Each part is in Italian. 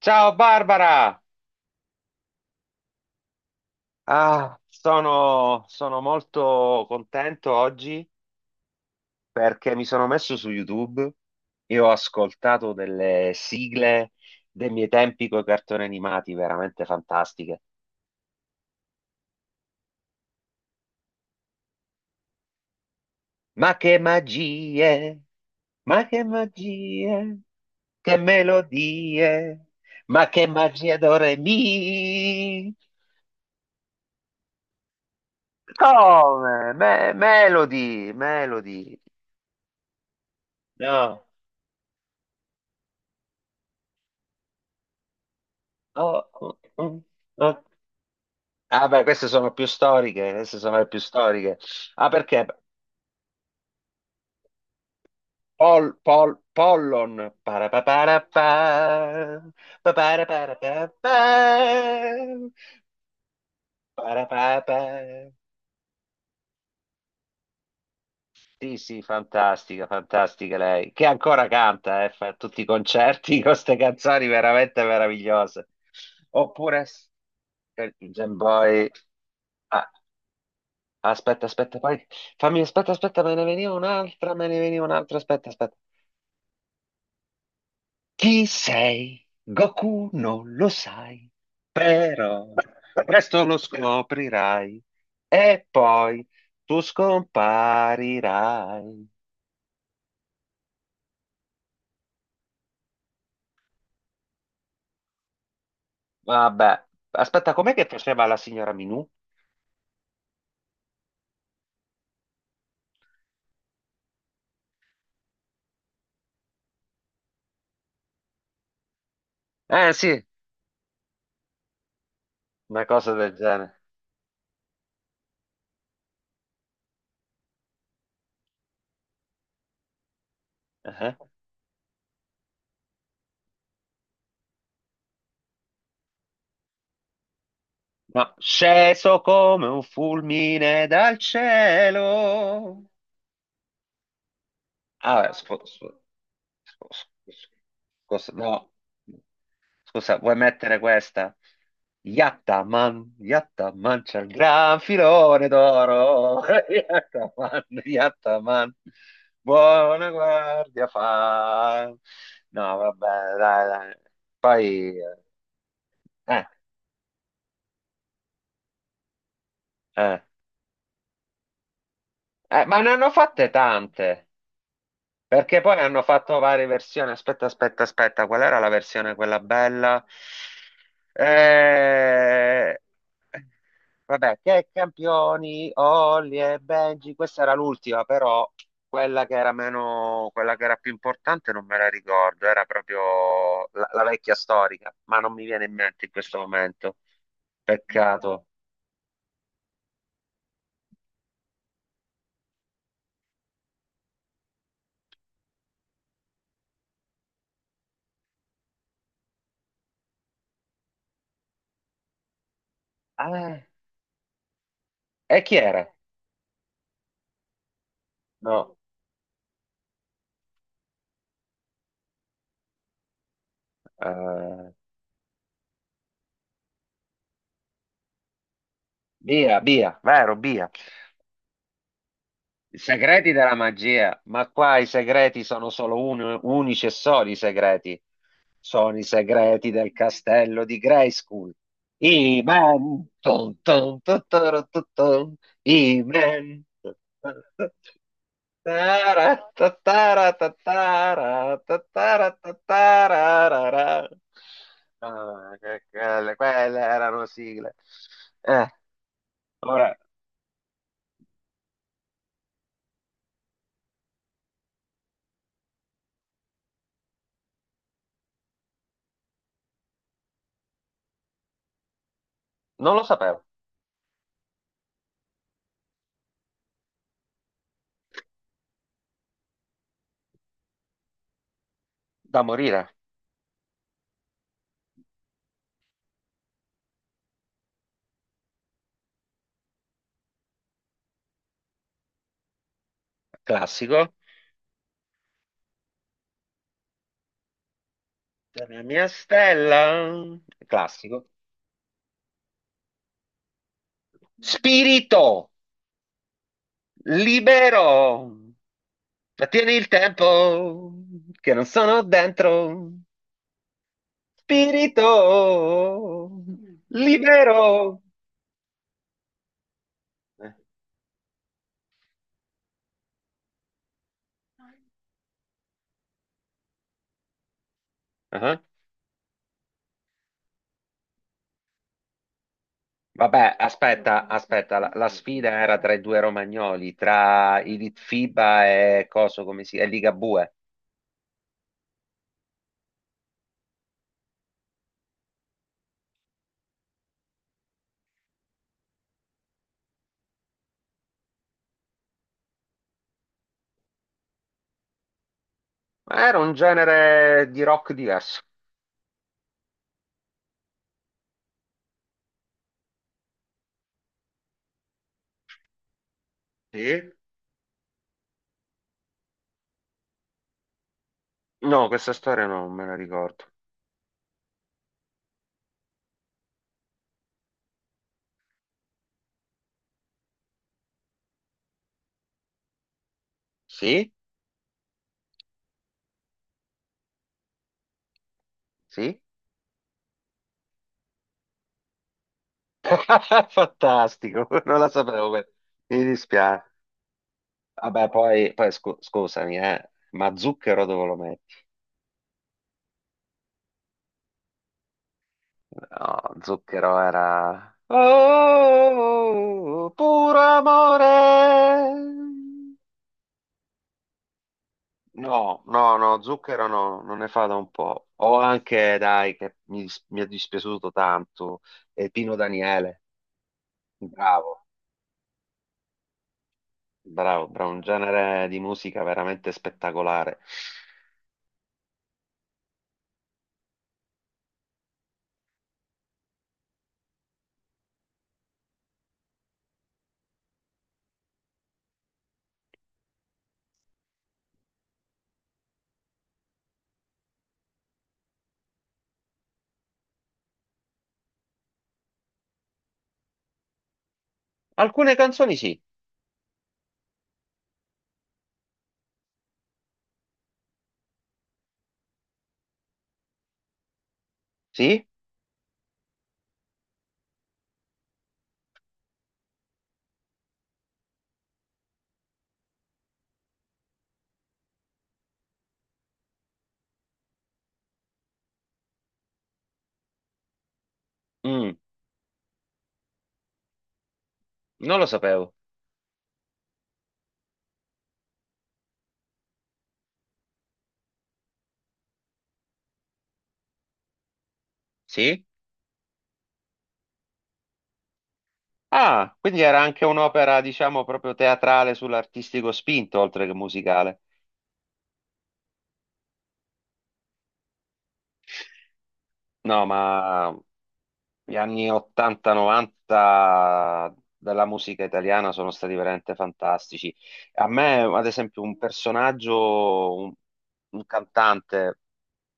Ciao, Barbara! Ah, sono molto contento oggi, perché mi sono messo su YouTube e ho ascoltato delle sigle dei miei tempi con i cartoni animati, veramente fantastiche. Ma che magie! Ma che magie! Che melodie! Ma che magia do re mi! Come? Melody, melody. No. Oh, oh, oh. Ah, beh, queste sono più storiche, queste sono le più storiche. Ah, perché? Pollon. Parapaparapa, paparaparapapa, parapapa. Sì, sì, fantastica, fantastica lei. Che ancora canta, fa tutti i concerti con queste canzoni veramente meravigliose. Oppure, Jam Boy. Ah, aspetta, aspetta, poi fammi, aspetta, aspetta, me ne veniva un'altra, me ne veniva un'altra, aspetta, aspetta. Chi sei? Goku non lo sai, però presto lo scoprirai e poi tu scomparirai. Vabbè, aspetta, com'è che faceva la signora Minù? Eh sì, una cosa del genere. Eh, No, sceso come un fulmine dal cielo. Ah, sfo- sfo- sfo- no. Scusa, vuoi mettere questa? Yattaman, Yattaman, c'è il gran filone d'oro. Yattaman, Yattaman, buona guardia fa. No, vabbè, dai, dai. Poi, eh, eh, ma ne hanno fatte tante. Perché poi hanno fatto varie versioni. Aspetta, aspetta, aspetta, qual era la versione quella bella? Eh, Vabbè, che campioni, Olli e Benji, questa era l'ultima, però quella che era meno, quella che era più importante non me la ricordo, era proprio la, la vecchia storica, ma non mi viene in mente in questo momento. Peccato. Eh, e chi era? No, eh, Bia, Bia, vero, Bia. I segreti della magia, ma qua i segreti sono solo unici e soli, i segreti. Sono i segreti del castello di Grayskull. I men. Tun, tun, tun, tun, tun, tun. I men. Tara, tatara, tatara, tatara, tatararara. Ah, quelle erano sigle. Eh, ora, non lo sapevo, da morire, classico. La mia stella, classico. Spirito libero, trattieni il tempo che non sono dentro. Spirito libero. Eh, ah. Vabbè, aspetta, aspetta, la sfida era tra i due romagnoli, tra i Litfiba e coso come si, e Ligabue. Ma era un genere di rock diverso. Sì? No, questa storia non me la ricordo. Sì? Sì? Fantastico, non la sapevo. Beh, mi dispiace. Vabbè, poi scusami, ma zucchero dove lo metti? No, zucchero era. Oh, puro amore. No, no, no, zucchero no, non ne fa da un po'. O anche, dai, che mi, mi è dispiaciuto tanto, Pino Daniele. Bravo, bravo, bravo, un genere di musica veramente spettacolare. Alcune canzoni sì, sì. Mm, non lo sapevo. Sì? Ah, quindi era anche un'opera, diciamo, proprio teatrale sull'artistico spinto, oltre che musicale. No, ma gli anni 80-90 della musica italiana sono stati veramente fantastici. A me, ad esempio, un personaggio, un, cantante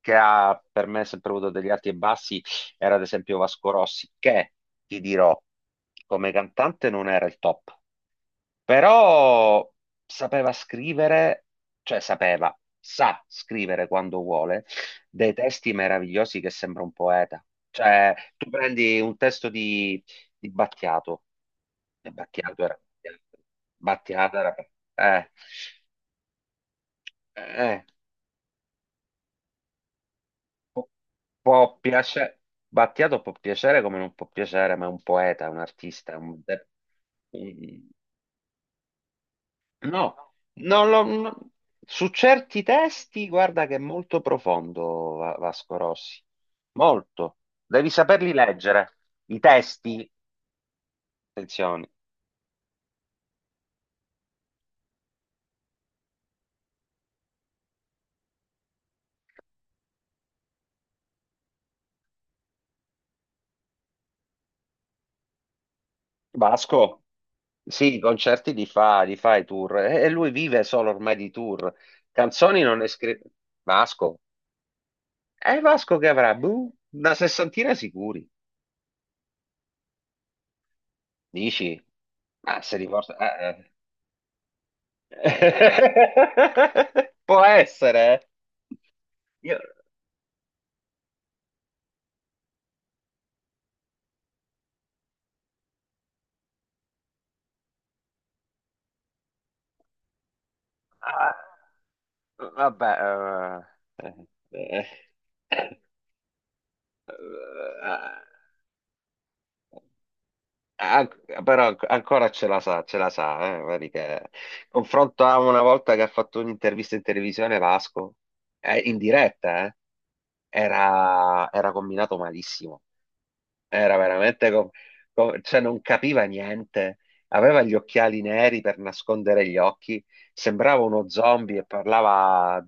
che ha per me sempre avuto degli alti e bassi, era ad esempio Vasco Rossi, che ti dirò, come cantante non era il top. Però sapeva scrivere, cioè sapeva, sa scrivere quando vuole, dei testi meravigliosi, che sembra un poeta. Cioè, tu prendi un testo di Battiato, e Battiato era, Battiato era, eh, eh, può, può piacere, Battiato può piacere come non può piacere, ma è un poeta, è un artista, è un. No, non lo- no. Su certi testi, guarda che è molto profondo Vasco Rossi, molto. Devi saperli leggere, i testi, attenzione. Vasco, sì, i concerti li fa i tour, e lui vive solo ormai di tour. Canzoni non ne scrive. Vasco, è Vasco che avrà, boh, una sessantina sicuri, dici? Ma se li porta. Può essere, eh. Io- Ah, vabbè, eh, eh, eh, eh, eh, però ancora ce la sa, vedi confronto a una volta che ha fatto un'intervista in televisione Vasco, in diretta, era combinato malissimo, era veramente, cioè non capiva niente, aveva gli occhiali neri per nascondere gli occhi, sembrava uno zombie e parlava.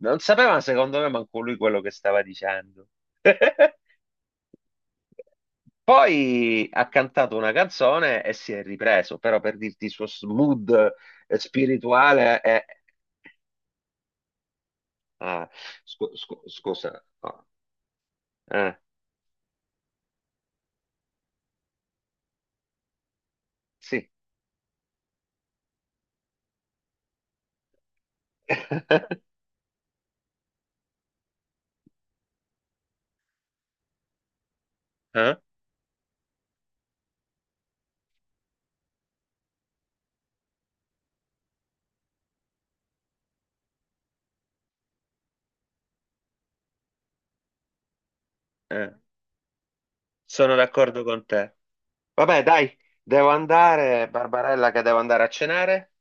Non sapeva, secondo me, manco lui quello che stava dicendo. Poi ha cantato una canzone e si è ripreso, però per dirti il suo mood, spirituale è. Ah, scusa. Ah, eh, sì. Eh? Eh, Sono d'accordo con te. Vabbè, dai, devo andare, Barbarella, che devo andare a cenare.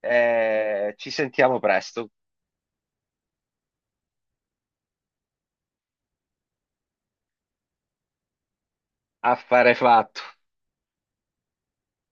Ci sentiamo presto. Affare fatto.